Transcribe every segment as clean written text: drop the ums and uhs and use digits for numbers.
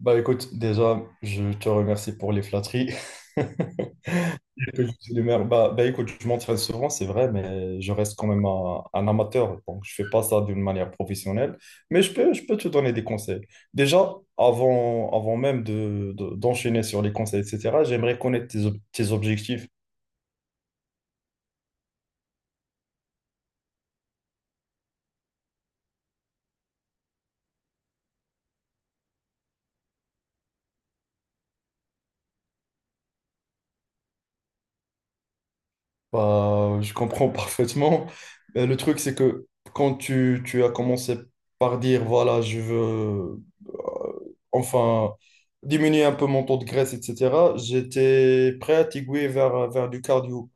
Bah écoute, déjà, je te remercie pour les flatteries. Que je suis d'humeur. Bah écoute, je m'entraîne souvent, c'est vrai, mais je reste quand même un amateur. Donc, je fais pas ça d'une manière professionnelle. Mais je peux te donner des conseils. Déjà, avant même d'enchaîner sur les conseils, etc., j'aimerais connaître tes objectifs. Bah, je comprends parfaitement. Le truc, c'est que quand tu as commencé par dire, voilà, je veux, euh, enfin, diminuer un peu mon taux de graisse, etc., j'étais prêt à t'aiguiller vers du cardio,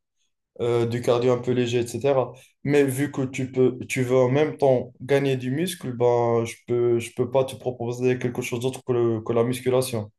du cardio un peu léger, etc. Mais vu que tu peux, tu veux en même temps gagner du muscle, ben, je peux pas te proposer quelque chose d'autre que la musculation.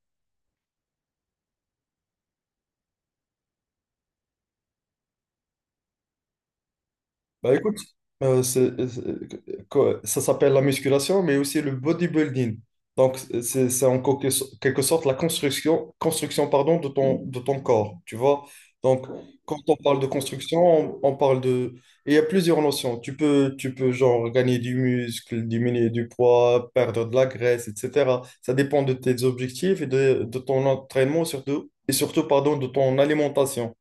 Bah écoute, ça s'appelle la musculation, mais aussi le bodybuilding. Donc, c'est en quelque sorte la construction, construction pardon, de ton corps, tu vois. Donc, quand on parle de construction, on parle de… Et il y a plusieurs notions. Tu peux, genre, gagner du muscle, diminuer du poids, perdre de la graisse, etc. Ça dépend de tes objectifs et de ton entraînement, surtout, et surtout, pardon, de ton alimentation.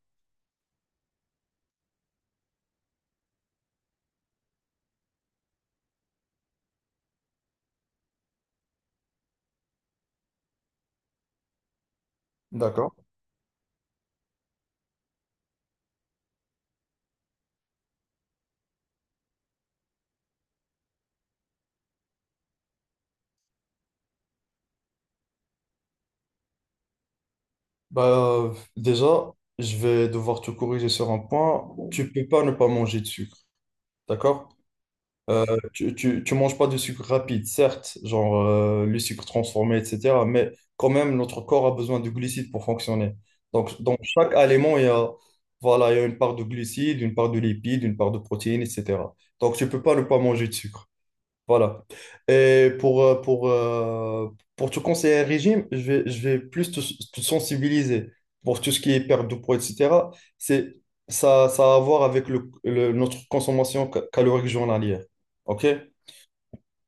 D'accord. Bah, déjà, je vais devoir te corriger sur un point. Tu peux pas ne pas manger de sucre, d'accord? Euh, tu manges pas de sucre rapide, certes, genre, le sucre transformé, etc. Mais quand même, notre corps a besoin de glucides pour fonctionner. Donc, dans chaque aliment, il y a, voilà, il y a une part de glucides, une part de lipides, une part de protéines, etc. Donc, tu peux pas ne pas manger de sucre. Voilà. Et pour te conseiller un régime, je vais plus te sensibiliser pour tout ce qui est perte de poids, etc. C'est, ça a à voir avec notre consommation calorique journalière. OK?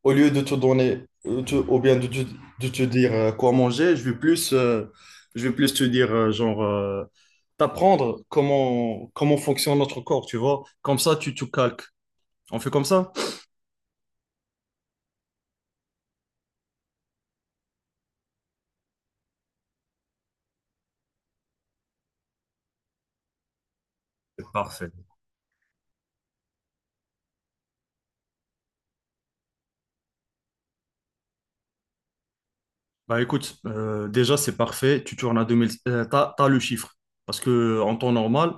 Au lieu de te donner, ou bien de te dire, quoi manger, je vais plus te dire, genre, t'apprendre comment fonctionne notre corps, tu vois? Comme ça, tu te calques. On fait comme ça? Parfait. Bah écoute, déjà c'est parfait, tu tournes à 2000, t'as le chiffre. Parce que, en temps normal,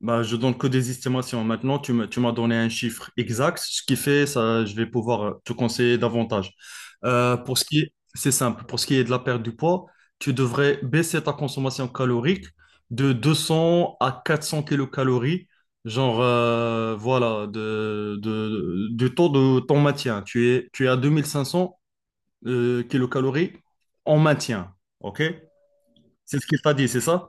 bah, je donne que des estimations. Maintenant, tu m'as donné un chiffre exact, ce qui fait ça, je vais pouvoir, te conseiller davantage. Pour ce qui est, c'est simple, pour ce qui est de la perte du poids, tu devrais baisser ta consommation calorique de 200 à 400 kilocalories, genre, voilà, du taux de ton maintien. Tu es à 2500, kilocalories en maintien. OK? C'est ce qu'il t'a dit, c'est ça?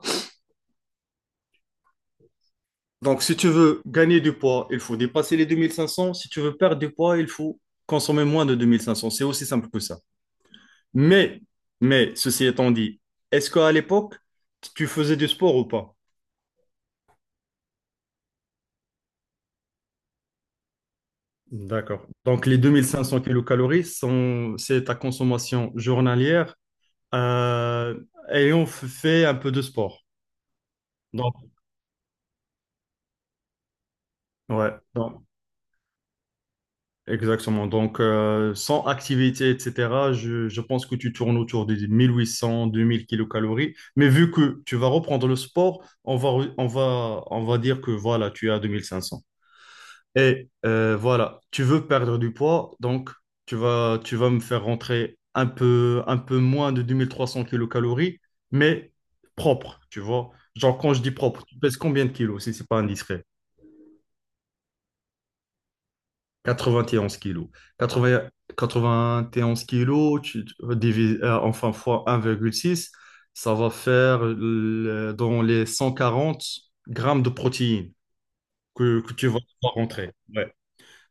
Donc, si tu veux gagner du poids, il faut dépasser les 2500. Si tu veux perdre du poids, il faut consommer moins de 2500. C'est aussi simple que ça. Mais, mais ceci étant dit, est-ce qu'à l'époque, tu faisais du sport ou pas? D'accord. Donc, les 2500 kilocalories sont, c'est ta consommation journalière, euh, ayant fait un peu de sport. Donc, ouais. Donc, exactement. Donc, sans activité, etc., je pense que tu tournes autour des 1800, 2000 kilocalories. Mais vu que tu vas reprendre le sport, on va dire que voilà, tu es à 2500. Et, voilà, tu veux perdre du poids, donc tu vas me faire rentrer un peu moins de 2300 kilocalories, mais propre, tu vois. Genre, quand je dis propre, tu pèses combien de kilos si c'est pas indiscret? 91 kilos. 80, 91 kilos, fois 1,6, ça va faire, dans les 140 grammes de protéines que tu vas pouvoir rentrer. Ouais.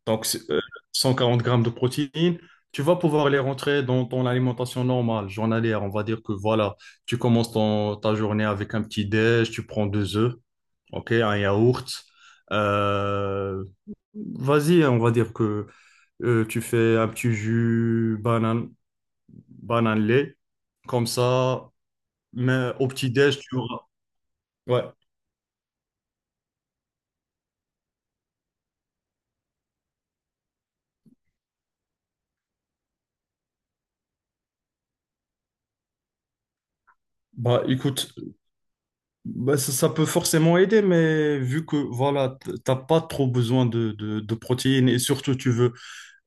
Donc, c'est, 140 grammes de protéines, tu vas pouvoir les rentrer dans ton alimentation normale, journalière. On va dire que voilà, tu commences ta journée avec un petit déj, tu prends deux œufs, ok, un yaourt. Euh, vas-y, on va dire que, tu fais un petit jus banane, banane lait. Comme ça, mais au petit-déj, tu auras. Ouais. Bah écoute, bah, ça peut forcément aider, mais vu que voilà, t'as pas trop besoin de protéines et surtout tu veux,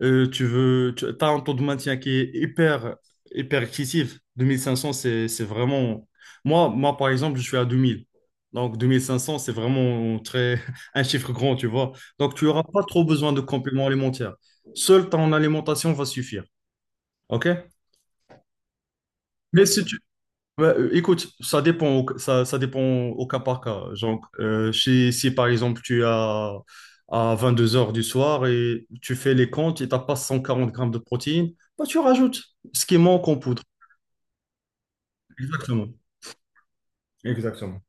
tu veux, tu as un taux de maintien qui est hyper, hyper excessif. 2500, c'est vraiment. Moi, par exemple, je suis à 2000. Donc, 2500, c'est vraiment très, un chiffre grand, tu vois. Donc, tu n'auras pas trop besoin de compléments alimentaires. Seul ton alimentation va suffire. OK? Mais si. Ouais, écoute, ça dépend, ça dépend au cas par cas. Genre, si par exemple tu as à 22 heures du soir et tu fais les comptes et tu n'as pas 140 grammes de protéines, bah, tu rajoutes ce qui manque en poudre. Exactement. Exactement.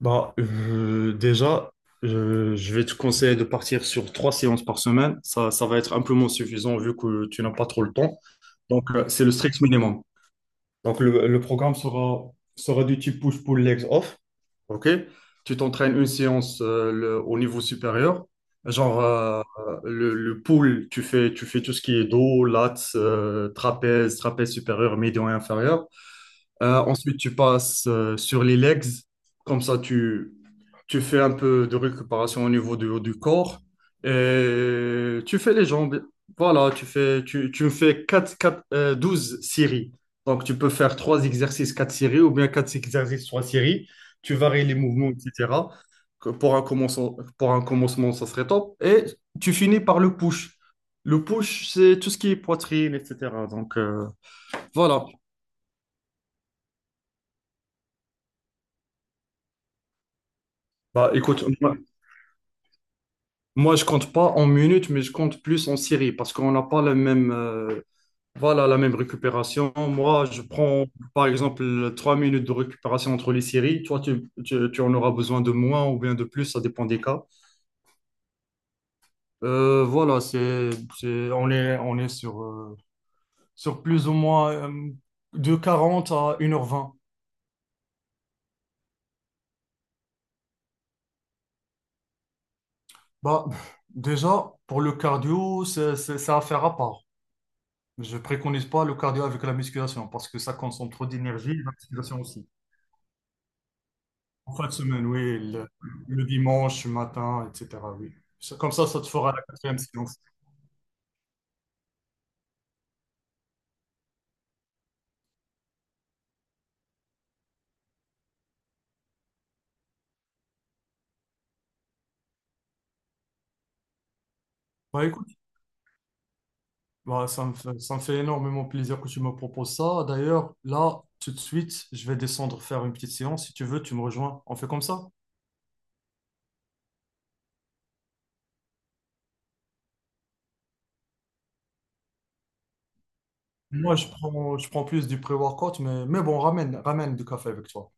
Bah, déjà, je vais te conseiller de partir sur trois séances par semaine. Ça va être amplement suffisant vu que tu n'as pas trop le temps. Donc, c'est le strict minimum. Donc, le programme sera du type push-pull legs off. OK? Tu t'entraînes une séance, au niveau supérieur. Genre, le pull, tu fais tout ce qui est dos, lats, trapèze, trapèze supérieur, médian et inférieur. Ensuite, tu passes, sur les legs. Comme ça, tu fais un peu de récupération au niveau du corps. Et tu fais les jambes. Voilà, tu fais 4 4 12 séries. Donc, tu peux faire 3 exercices, 4 séries, ou bien 4 exercices, 3 séries. Tu varies les mouvements, etc. Que Pour un commencement, ça serait top. Et tu finis par le push. Le push, c'est tout ce qui est poitrine, etc. Donc, voilà. Bah, écoute, moi, je compte pas en minutes, mais je compte plus en séries parce qu'on n'a pas la même, voilà, la même récupération. Moi, je prends par exemple 3 minutes de récupération entre les séries. Toi, tu en auras besoin de moins ou bien de plus, ça dépend des cas. Voilà, on est sur plus ou moins, de 40 à 1h20. Bah, déjà, pour le cardio, c'est affaire à part. Je préconise pas le cardio avec la musculation parce que ça consomme trop d'énergie, et la musculation aussi. En fin de semaine, oui, le dimanche matin, etc. Oui. Comme ça te fera la quatrième séance. Bah écoute, bah, ça me fait énormément plaisir que tu me proposes ça. D'ailleurs, là, tout de suite, je vais descendre faire une petite séance. Si tu veux, tu me rejoins. On fait comme ça. Moi, je prends plus du pré-workout, mais, bon, ramène du café avec toi.